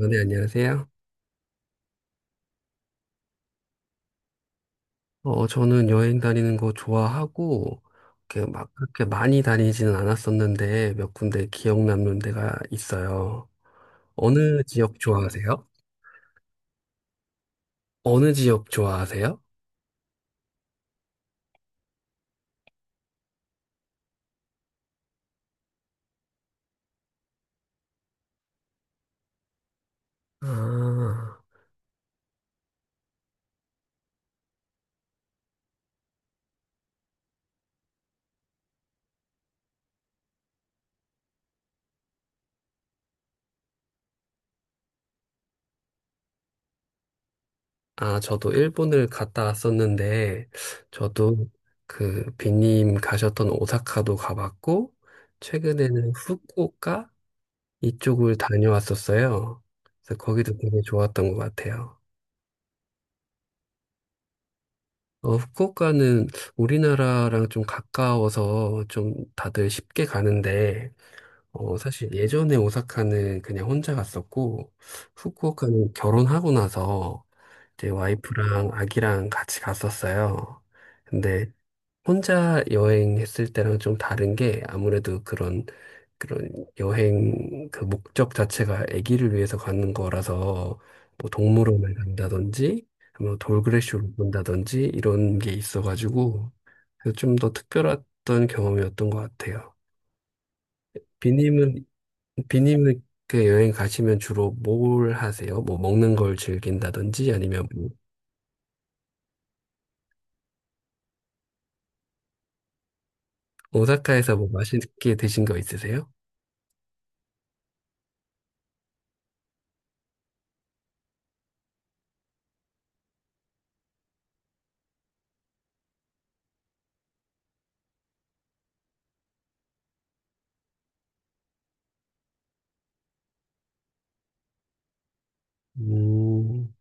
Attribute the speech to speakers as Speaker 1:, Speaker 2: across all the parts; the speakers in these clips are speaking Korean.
Speaker 1: 안녕하세요. 저는 여행 다니는 거 좋아하고, 이렇게 막 그렇게 많이 다니지는 않았었는데, 몇 군데 기억 남는 데가 있어요. 어느 지역 좋아하세요? 어느 지역 좋아하세요? 아, 저도 일본을 갔다 왔었는데, 저도 그 빈님 가셨던 오사카도 가봤고, 최근에는 후쿠오카 이쪽을 다녀왔었어요. 그래서 거기도 되게 좋았던 것 같아요. 후쿠오카는 우리나라랑 좀 가까워서 좀 다들 쉽게 가는데, 사실 예전에 오사카는 그냥 혼자 갔었고, 후쿠오카는 결혼하고 나서 제 와이프랑 아기랑 같이 갔었어요. 근데 혼자 여행했을 때랑 좀 다른 게 아무래도 그런 여행 그 목적 자체가 아기를 위해서 가는 거라서 뭐 동물원을 간다든지 뭐 돌그래쇼를 본다든지 이런 게 있어가지고 좀 더 특별했던 경험이었던 것 같아요. 비님은 비님은 그 여행 가시면 주로 뭘 하세요? 뭐 먹는 걸 즐긴다든지 아니면 뭐 오사카에서 뭐 맛있게 드신 거 있으세요? 음,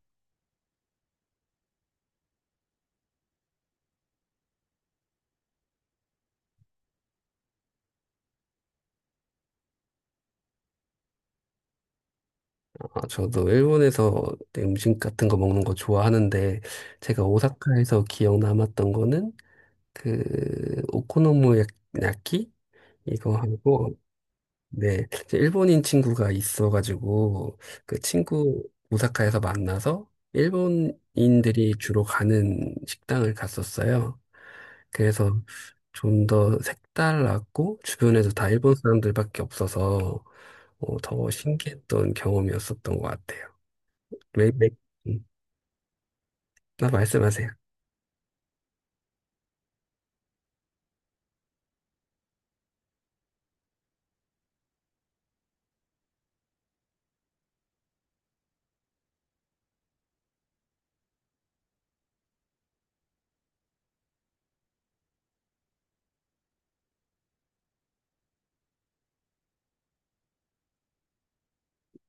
Speaker 1: 아, 저도 일본에서 음식 같은 거 먹는 거 좋아하는데, 제가 오사카에서 기억 남았던 거는, 그, 오코노미야키? 이거 하고, 네, 제 일본인 친구가 있어가지고 그 친구 오사카에서 만나서 일본인들이 주로 가는 식당을 갔었어요. 그래서 좀 더 색달랐고 주변에도 다 일본 사람들밖에 없어서 더 신기했던 경험이었었던 것 같아요. 맥, 맥, 음, 나 말씀하세요.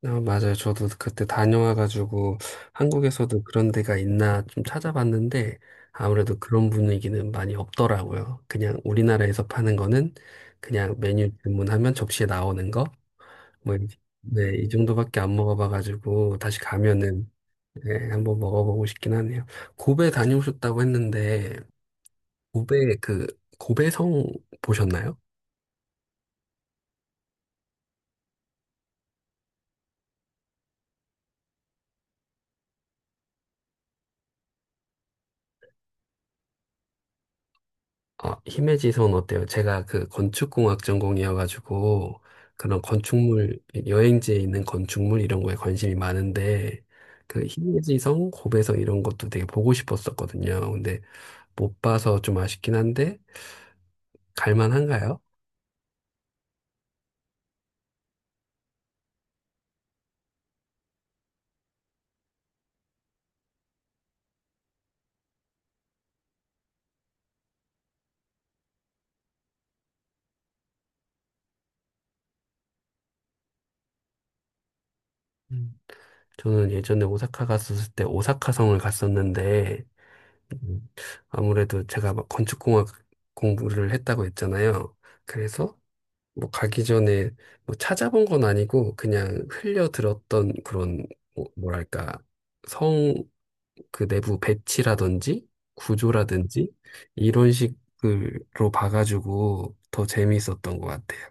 Speaker 1: 아, 맞아요. 저도 그때 다녀와가지고 한국에서도 그런 데가 있나 좀 찾아봤는데 아무래도 그런 분위기는 많이 없더라고요. 그냥 우리나라에서 파는 거는 그냥 메뉴 주문하면 접시에 나오는 거. 뭐, 이- 네, 이 정도밖에 안 먹어봐가지고 다시 가면은 네, 한번 먹어보고 싶긴 하네요. 고베 다녀오셨다고 했는데 고베 그 고베성 보셨나요? 어, 히메지 선 어때요? 제가 그 건축공학 전공이어가지고 그런 건축물, 여행지에 있는 건축물 이런 거에 관심이 많은데 그 히메지 성, 고베 성 이런 것도 되게 보고 싶었었거든요. 근데 못 봐서 좀 아쉽긴 한데 갈만한가요? 음. 저는 예전에 오사카 갔었을 때 오사카 성을 갔었는데 음, 아무래도 제가 막 건축공학 공부를 했다고 했잖아요. 그래서 뭐 가기 전에 뭐 찾아본 건 아니고 그냥 흘려 들었던 그런 뭐랄까 성 그 내부 배치라든지 구조라든지 이런 식으로 봐가지고 더 재미있었던 것 같아요.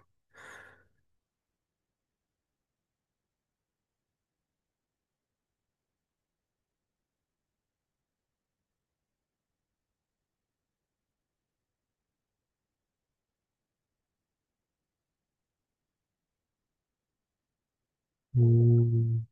Speaker 1: 음,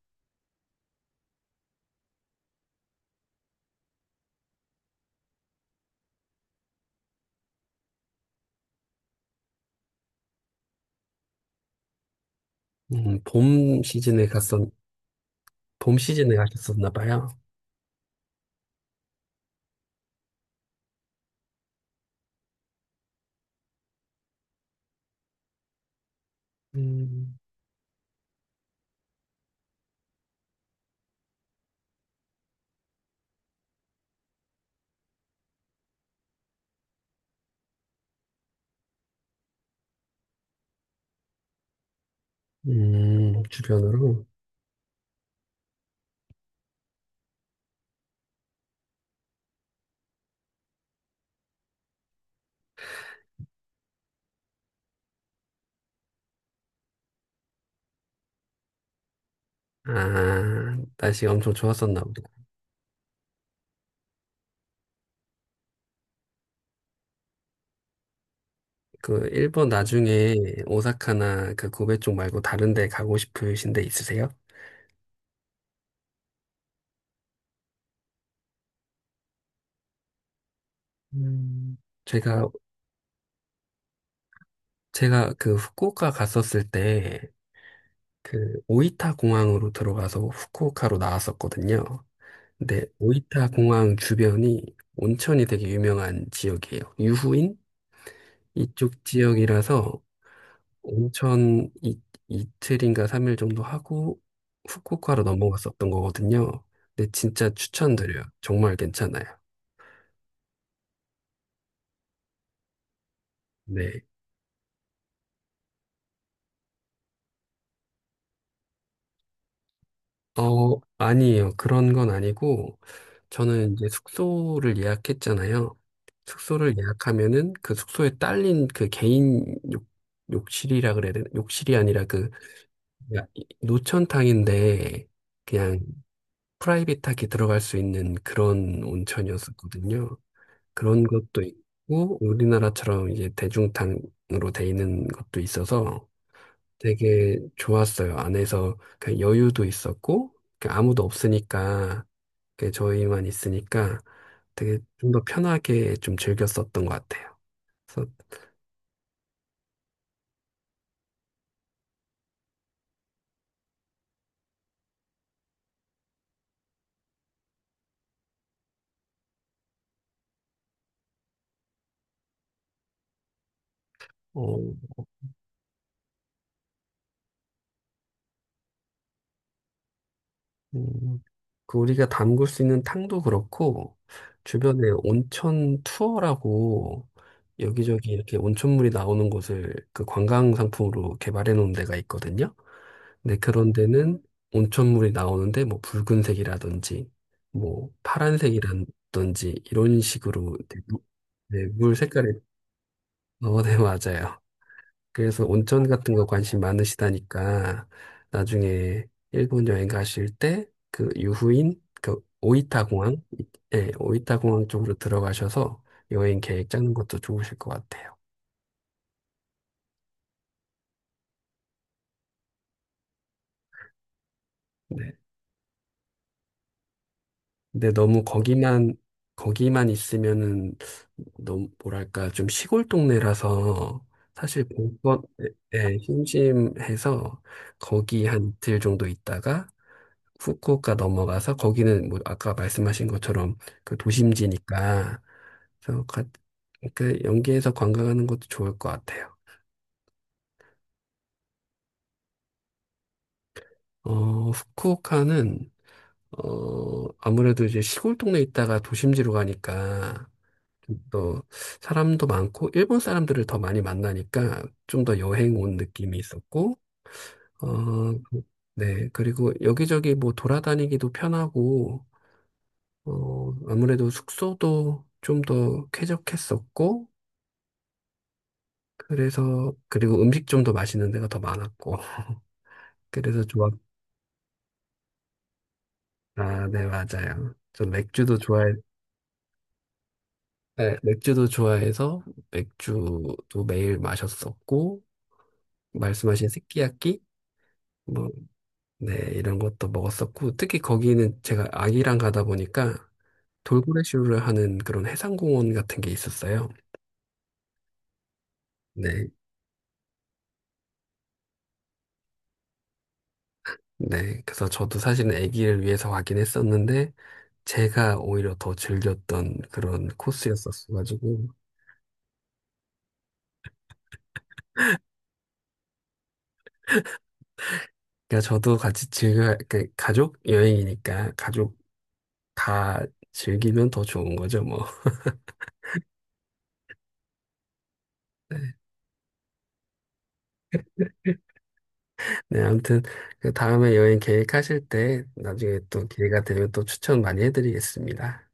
Speaker 1: 음, 봄 시즌에 갔었, 봄 시즌에 가셨었나 봐요. 음, 주변으로. 아, 날씨가 엄청 좋았었나 보다. 그 일본 나중에 오사카나 그 고베 쪽 말고 다른 데 가고 싶으신 데 있으세요? 음, 제가 제가 그 후쿠오카 갔었을 때 그 오이타 공항으로 들어가서 후쿠오카로 나왔었거든요. 근데 오이타 공항 주변이 온천이 되게 유명한 지역이에요. 유후인 이쪽 지역이라서 온천 이, 이틀인가 3일 정도 하고 후쿠오카로 넘어갔었던 거거든요. 근데 진짜 추천드려요. 정말 괜찮아요. 네. 어, 아니에요. 그런 건 아니고, 저는 이제 숙소를 예약했잖아요. 숙소를 예약하면은 그 숙소에 딸린 그 개인 욕, 욕실이라 그래야 되나? 욕실이 아니라 그 노천탕인데 그냥 프라이빗하게 들어갈 수 있는 그런 온천이었었거든요. 그런 것도 있고, 우리나라처럼 이제 대중탕으로 돼 있는 것도 있어서 되게 좋았어요. 안에서 그냥 여유도 있었고, 그냥 아무도 없으니까, 그냥 저희만 있으니까 되게 좀 더 편하게 좀 즐겼었던 것 같아요. 그래서, 어, 음, 그 우리가 담글 수 있는 탕도 그렇고, 주변에 온천 투어라고 여기저기 이렇게 온천물이 나오는 곳을 그 관광 상품으로 개발해 놓은 데가 있거든요. 네, 그런 데는 온천물이 나오는데 뭐 붉은색이라든지 뭐 파란색이라든지 이런 식으로 네, 물 색깔이 어, 네, 맞아요. 그래서 온천 같은 거 관심 많으시다니까 나중에 일본 여행 가실 때 그 유후인 그 오이타 공항 예, 오이타 공항 쪽으로 들어가셔서 여행 계획 짜는 것도 좋으실 것 같아요. 네. 근데 너무 거기만 거기만 있으면은 너무 뭐랄까 좀 시골 동네라서 사실 본권 에 심심해서 거기 한 이틀 정도 있다가 후쿠오카 넘어가서 거기는 뭐 아까 말씀하신 것처럼 그 도심지니까 그래서 가, 그 연계해서 관광하는 것도 좋을 것 같아요. 어, 후쿠오카는 어 아무래도 이제 시골 동네 있다가 도심지로 가니까 또 사람도 많고 일본 사람들을 더 많이 만나니까 좀 더 여행 온 느낌이 있었고 어 그, 네 그리고 여기저기 뭐 돌아다니기도 편하고 어 아무래도 숙소도 좀 더 쾌적했었고 그래서 그리고 음식 좀 더 맛있는 데가 더 많았고 그래서 좋았 아 네 맞아요 저 맥주도 좋아해 네, 맥주도 좋아해서 맥주도 매일 마셨었고 말씀하신 스키야키 뭐, 네, 이런 것도 먹었었고, 특히 거기는 제가 아기랑 가다 보니까 돌고래쇼를 하는 그런 해상공원 같은 게 있었어요. 네, 네. 그래서 저도 사실은 아기를 위해서 가긴 했었는데, 제가 오히려 더 즐겼던 그런 코스였었어가지고, 그러니까 저도 같이 즐겨, 그 가족 여행이니까 가족 다 즐기면 더 좋은 거죠, 뭐. 네, 네, 아무튼 그 다음에 여행 계획하실 때 나중에 또 기회가 되면 또 추천 많이 해드리겠습니다.